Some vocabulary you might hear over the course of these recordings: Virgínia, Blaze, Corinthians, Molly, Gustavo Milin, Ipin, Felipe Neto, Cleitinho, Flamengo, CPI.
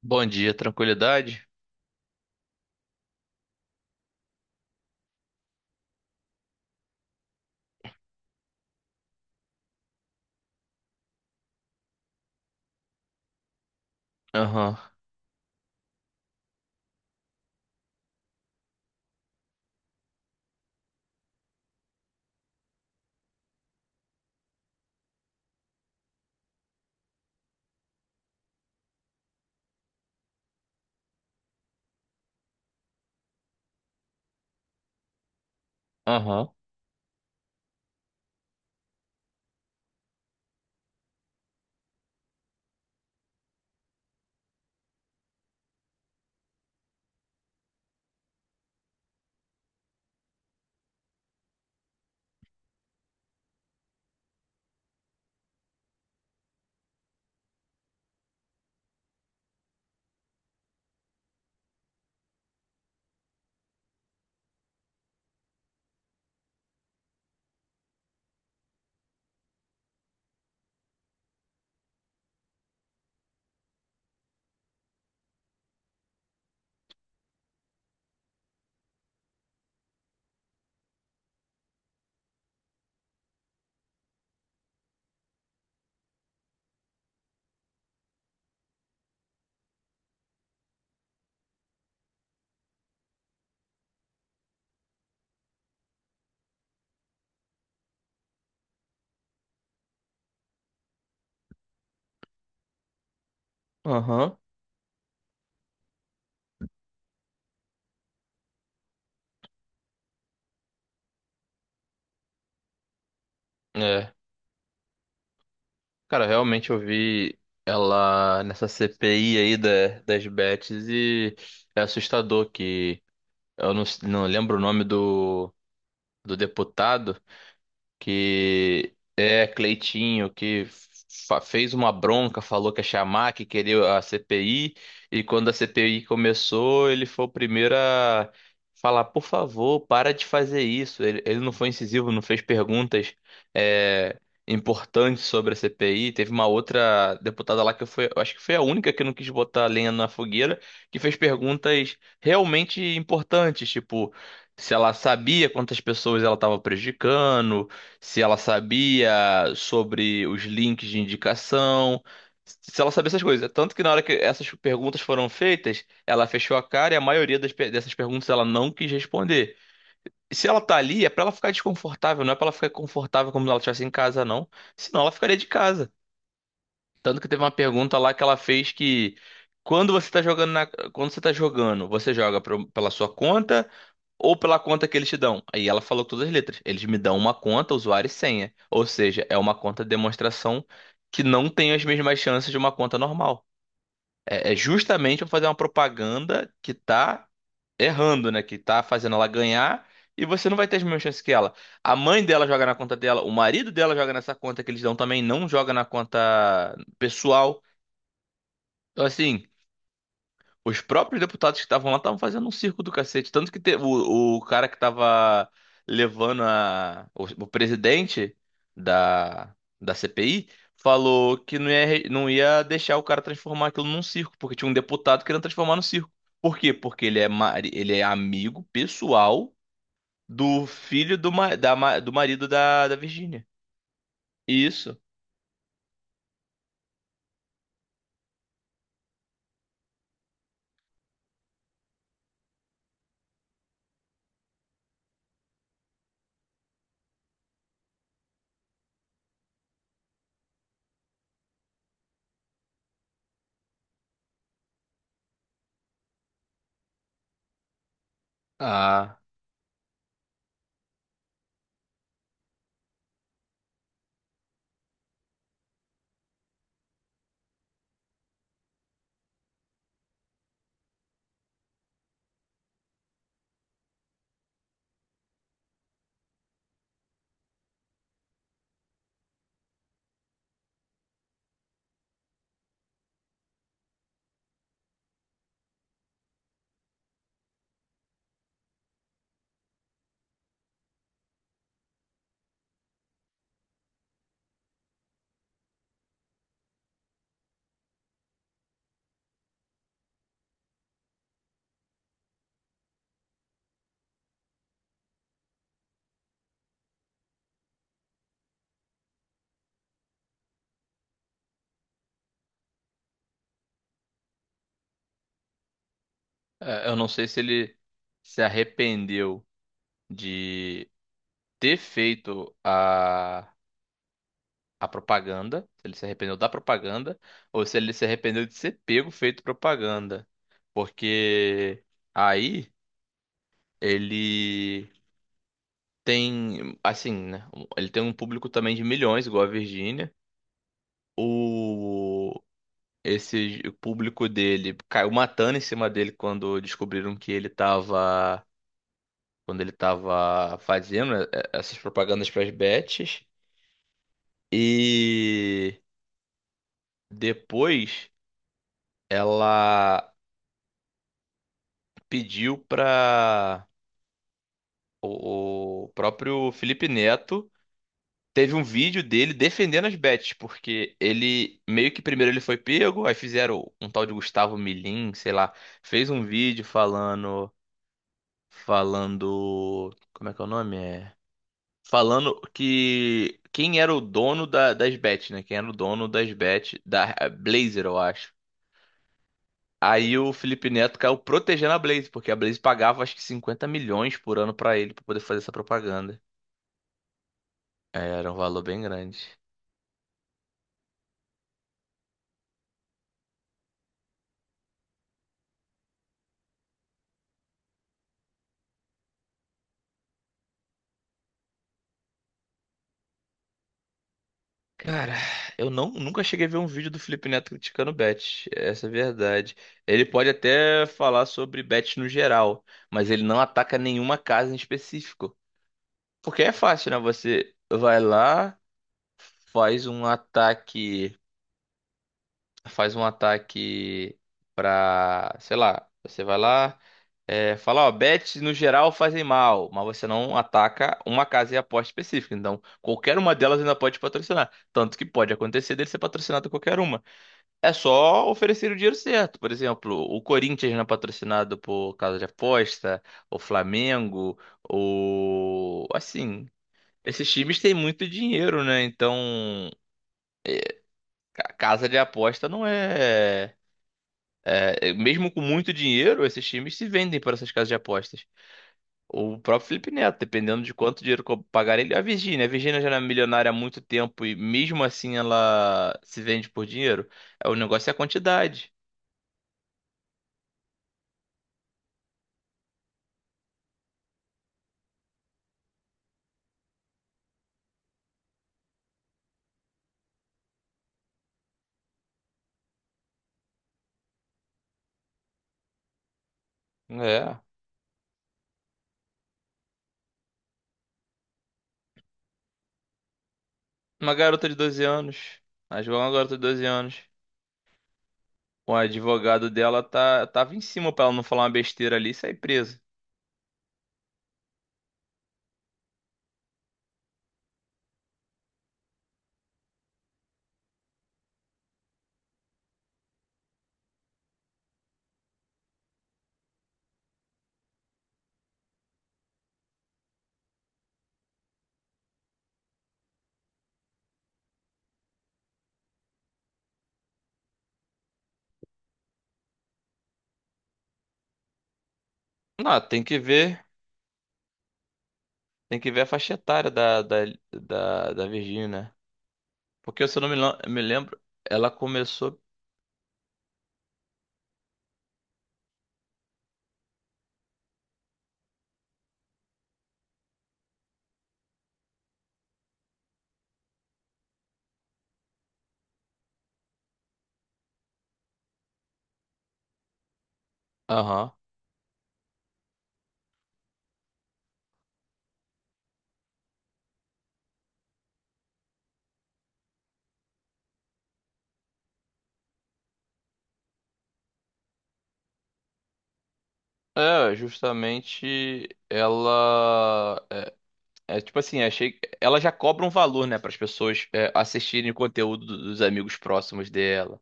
Bom dia, tranquilidade? Aham, aham, aham. É, cara, realmente eu vi ela nessa CPI aí das bets e é assustador que eu não, não lembro o nome do deputado, que é Cleitinho, que fez uma bronca, falou que ia chamar, que queria a CPI, e quando a CPI começou, ele foi o primeiro a falar, por favor, para de fazer isso. Ele não foi incisivo, não fez perguntas é, importantes sobre a CPI. Teve uma outra deputada lá que foi, eu acho que foi a única que não quis botar lenha na fogueira, que fez perguntas realmente importantes, tipo se ela sabia quantas pessoas ela estava prejudicando, se ela sabia sobre os links de indicação, se ela sabia essas coisas. Tanto que na hora que essas perguntas foram feitas, ela fechou a cara e a maioria dessas perguntas ela não quis responder. E se ela tá ali, é pra ela ficar desconfortável, não é pra ela ficar confortável como se ela estivesse em casa, não. Senão ela ficaria de casa. Tanto que teve uma pergunta lá que ela fez que quando você tá jogando, você joga pela sua conta ou pela conta que eles te dão. Aí ela falou todas as letras. Eles me dão uma conta, usuário e senha. Ou seja, é uma conta de demonstração que não tem as mesmas chances de uma conta normal. É justamente para fazer uma propaganda que tá errando, né? Que tá fazendo ela ganhar e você não vai ter as mesmas chances que ela. A mãe dela joga na conta dela, o marido dela joga nessa conta que eles dão também, não joga na conta pessoal. Então, assim. Os próprios deputados que estavam lá estavam fazendo um circo do cacete. Tanto que o cara que estava levando o presidente da CPI falou que não ia deixar o cara transformar aquilo num circo, porque tinha um deputado querendo transformar no circo. Por quê? Porque ele é amigo pessoal do filho do marido da Virgínia. Isso. Ah, é, eu não sei se ele se arrependeu de ter feito a propaganda, se ele se arrependeu da propaganda, ou se ele se arrependeu de ser pego feito propaganda. Porque aí ele tem, assim, né? Ele tem um público também de milhões, igual a Virgínia. O, esse público dele caiu matando em cima dele quando descobriram que ele tava. Quando ele tava fazendo essas propagandas para as bets. E depois ela pediu para o próprio Felipe Neto. Teve um vídeo dele defendendo as bets, porque ele meio que primeiro ele foi pego, aí fizeram um tal de Gustavo Milin, sei lá, fez um vídeo falando, como é que é o nome? É, falando que quem era o dono das bets, né? Quem era o dono das bets da Blazer, eu acho. Aí o Felipe Neto caiu protegendo a Blaze, porque a Blaze pagava acho que 50 milhões por ano pra ele pra poder fazer essa propaganda. É, era um valor bem grande. Cara, eu não, nunca cheguei a ver um vídeo do Felipe Neto criticando bet, essa é a verdade. Ele pode até falar sobre bet no geral, mas ele não ataca nenhuma casa em específico. Porque é fácil, né? Você vai lá, faz um ataque faz um ataque pra, sei lá, você vai lá, fala, ó, bets no geral fazem mal, mas você não ataca uma casa e aposta específica. Então, qualquer uma delas ainda pode te patrocinar. Tanto que pode acontecer dele ser patrocinado por qualquer uma. É só oferecer o dinheiro certo. Por exemplo, o Corinthians não é patrocinado por casa de aposta, o Flamengo. Assim, esses times têm muito dinheiro, né? Então, casa de aposta não é. É, mesmo com muito dinheiro, esses times se vendem por essas casas de apostas. O próprio Felipe Neto, dependendo de quanto dinheiro pagar ele, a Virgínia. A Virgínia já era milionária há muito tempo e mesmo assim ela se vende por dinheiro. É, o negócio é a quantidade. É. Uma garota de 12 anos. Ela jogou uma garota de 12 anos. O advogado dela tava em cima pra ela não falar uma besteira ali e sair presa. Não, tem que ver. Tem que ver a faixa etária da Virgínia. Porque se eu não me lembro, ela começou. Aham. É, justamente ela é tipo assim, achei ela já cobra um valor, né, para as pessoas assistirem o conteúdo dos amigos próximos dela.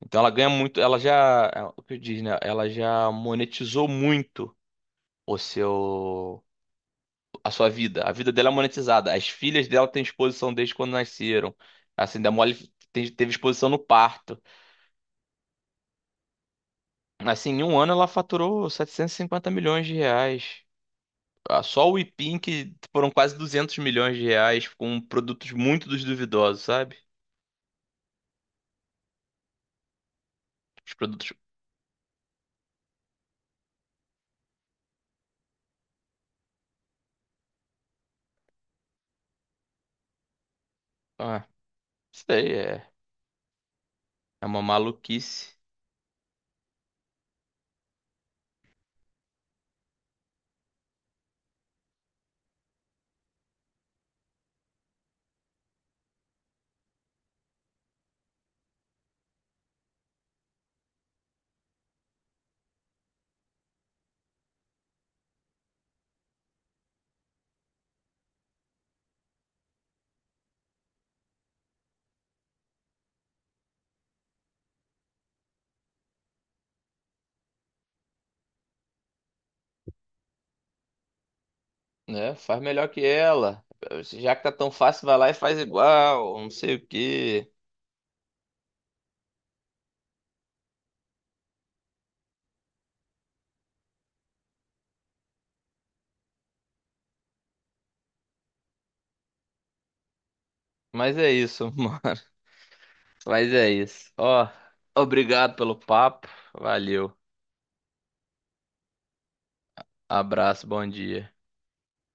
Então ela ganha muito, ela já, é, o que eu diz, né, ela já monetizou muito o seu a sua vida. A vida dela é monetizada. As filhas dela têm exposição desde quando nasceram. Assim, da Molly teve exposição no parto. Assim, em um ano ela faturou R$ 750 milhões. Ah, só o Ipin que foram quase R$ 200 milhões com produtos muito dos duvidosos, sabe? Os produtos. Ah, isso daí é uma maluquice, né? Faz melhor que ela. Já que tá tão fácil, vai lá e faz igual, não sei o quê. Mas é isso, mano. Mas é isso. Ó, obrigado pelo papo. Valeu. Abraço, bom dia.